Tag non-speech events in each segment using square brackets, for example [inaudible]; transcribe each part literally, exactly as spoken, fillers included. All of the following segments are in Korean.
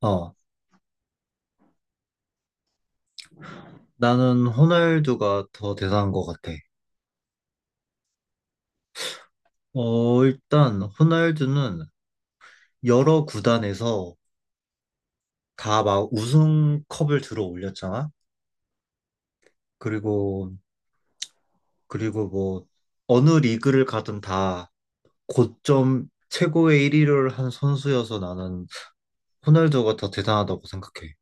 어, 나는 호날두가 더 대단한 것 같아. 어, 일단 호날두는 여러 구단에서 다 막 우승컵을 들어 올렸잖아. 그리고 그리고 뭐 어느 리그를 가든 다 고점 최고의 일 위를 한 선수여서 나는 호날두가 더 대단하다고 생각해.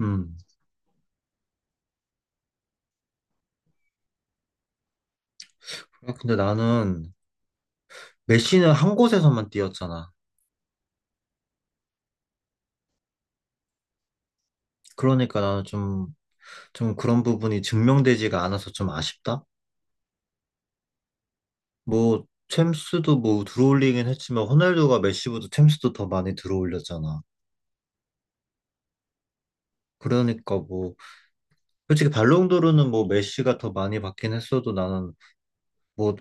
음. 근데 나는 메시는 한 곳에서만 뛰었잖아. 그러니까 나는 좀, 좀 그런 부분이 증명되지가 않아서 좀 아쉽다. 뭐 챔스도 뭐 들어올리긴 했지만 호날두가 메시보다 챔스도 더 많이 들어올렸잖아. 그러니까 뭐 솔직히 발롱도르는 뭐 메시가 더 많이 받긴 했어도 나는 뭐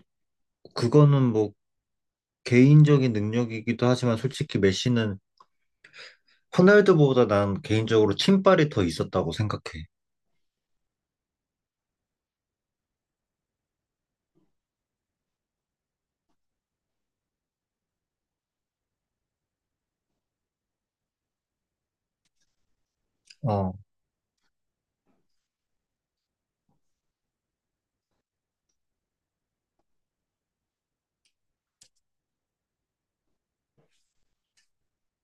그거는 뭐 개인적인 능력이기도 하지만 솔직히 메시는 호날두보다 난 개인적으로 팀빨이 더 있었다고 생각해. 어,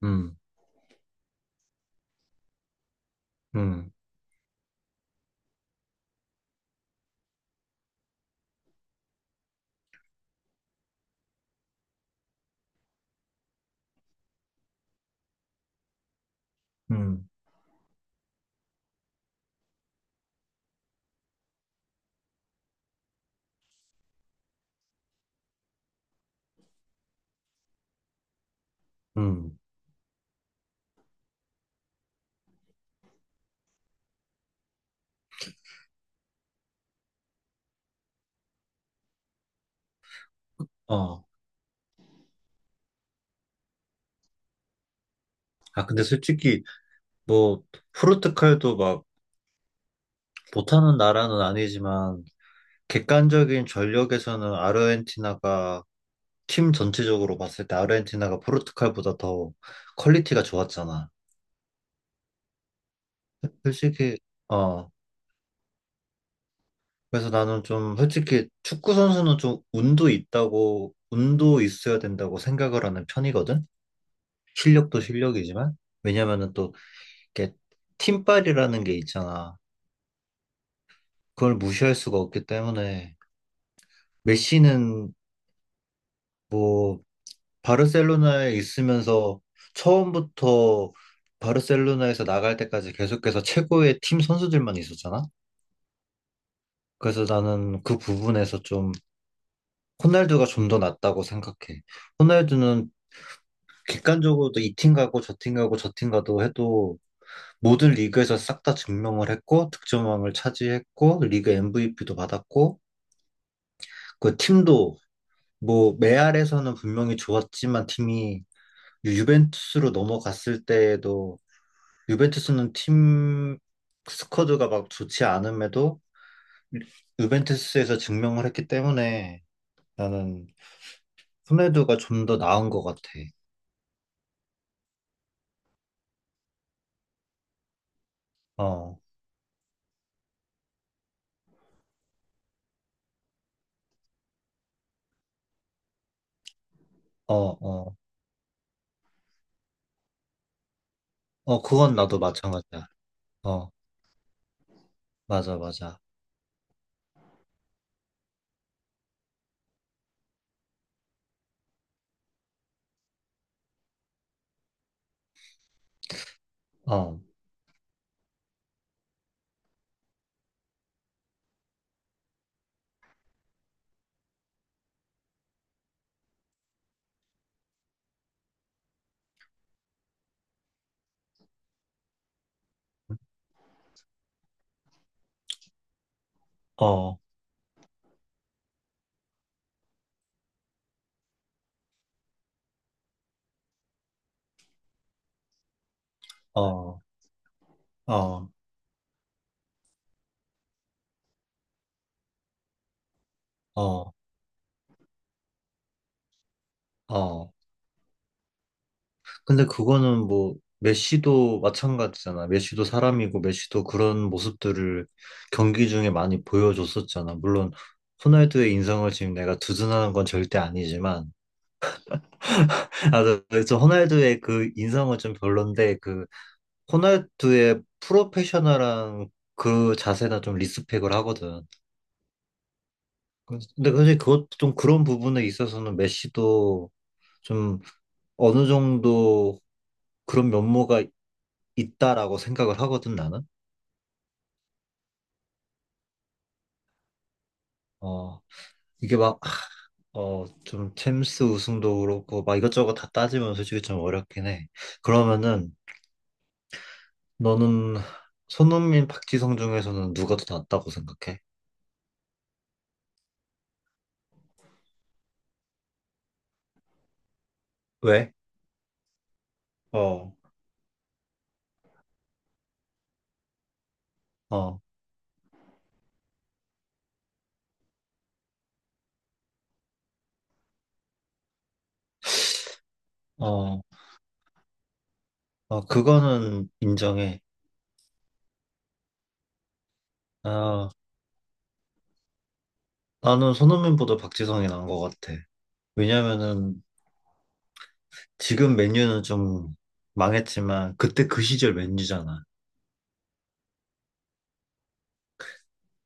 음, 음, 음, 음, 어. 아 근데 솔직히 뭐 포르투갈도 막 못하는 나라는 아니지만 객관적인 전력에서는 아르헨티나가 팀 전체적으로 봤을 때 아르헨티나가 포르투갈보다 더 퀄리티가 좋았잖아. 솔직히 어 그래서 나는 좀 솔직히 축구 선수는 좀 운도 있다고 운도 있어야 된다고 생각을 하는 편이거든. 실력도 실력이지만 왜냐면은 또 이게 팀빨이라는 게 있잖아. 그걸 무시할 수가 없기 때문에 메시는 뭐 바르셀로나에 있으면서 처음부터 바르셀로나에서 나갈 때까지 계속해서 최고의 팀 선수들만 있었잖아. 그래서 나는 그 부분에서 좀 호날두가 좀 더 낫다고 생각해. 호날두는 객관적으로도 이 팀 가고 저 팀 가고 저 팀 가도 해도 모든 리그에서 싹 다 증명을 했고 득점왕을 차지했고 리그 엠브이피도 받았고 그 팀도 뭐 메알에서는 분명히 좋았지만 팀이 유벤투스로 넘어갔을 때에도 유벤투스는 팀 스쿼드가 막 좋지 않음에도 유벤투스에서 증명을 했기 때문에 나는 후네두가 좀 더 나은 것 같아. 어, 어, 어, 어, 그건 나도 마찬가지야. 어, 맞아, 맞아. 어, 어, 어, 어, 어, 어. 근데 그거는 뭐 메시도 마찬가지잖아. 메시도 사람이고 메시도 그런 모습들을 경기 중에 많이 보여줬었잖아. 물론 호날두의 인성을 지금 내가 두둔하는 건 절대 아니지만 [laughs] 아, 나 그래서 호날두의 그 인성은 좀 별론데 그 호날두의 프로페셔널한 그 자세나 좀 리스펙을 하거든. 근데 사실 그것 좀 그런 부분에 있어서는 메시도 좀 어느 정도 그런 면모가 있다라고 생각을 하거든 나는. 어. 이게 막, 어, 좀 챔스 우승도 그렇고, 막 이것저것 다 따지면 솔직히 좀 어렵긴 해. 그러면은, 너는 손흥민, 박지성 중에서는 누가 더 낫다고 생각해? 왜? 어, 어, 어, 어, 그거는 인정해. 아, 나는 손흥민보다 박지성이 나은 것 같아. 왜냐면은, 지금 맨유는 좀 망했지만, 그때 그 시절 맨유잖아.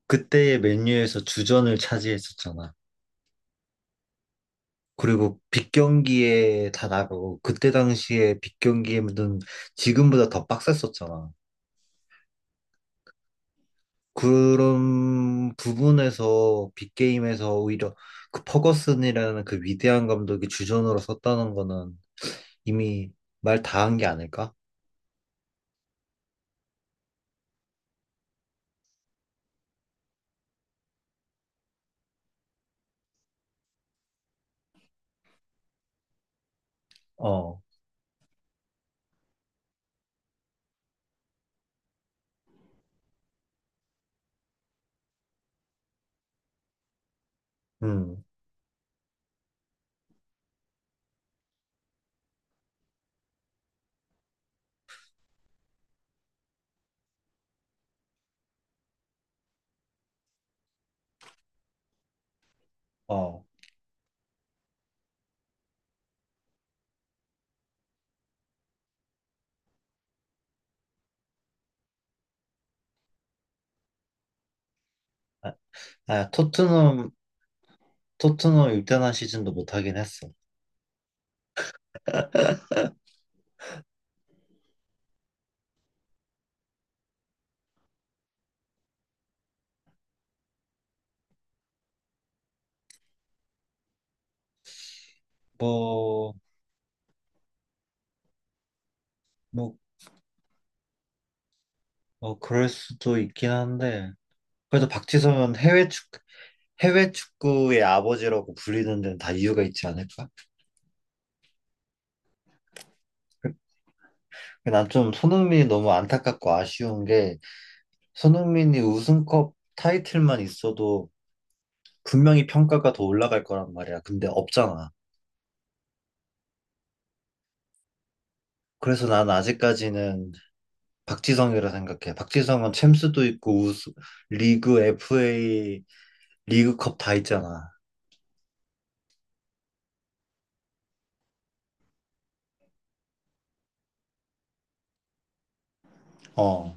그때의 맨유에서 주전을 차지했었잖아. 그리고 빅 경기에 다 나가고 그때 당시에 빅 경기에는 지금보다 더 빡셌었잖아. 그런 부분에서 빅게임에서 오히려 그 퍼거슨이라는 그 위대한 감독이 주전으로 섰다는 거는 이미 말 다 한 게 아닐까? 어, 음, 어. 아, 아, 토트넘, 토트넘 일단한 시즌도 못하긴 했어. 뭐, 뭐, 어, 그럴 수도 있긴 한데, 그래도 박지성은 해외 축구 해외 축구의 아버지라고 불리는 데는 다 이유가 있지 않을까? 난 좀 손흥민이 너무 안타깝고 아쉬운 게 손흥민이 우승컵 타이틀만 있어도 분명히 평가가 더 올라갈 거란 말이야. 근데 없잖아. 그래서 난 아직까지는 박지성이라 생각해. 박지성은 챔스도 있고 우스, 리그 에프에이 리그컵 다 있잖아. 어.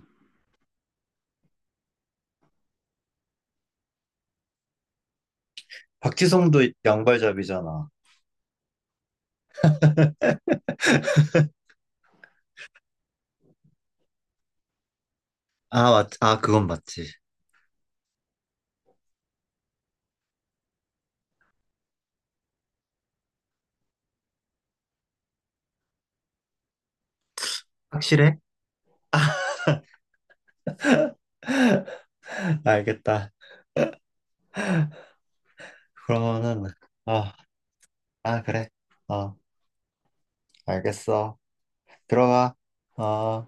박지성도 양발잡이잖아. 아, 맞, 아, 그건 맞지. 확실해? 알겠다. 그러면은 아 아, 그래. 어, 알겠어. 들어가. 어.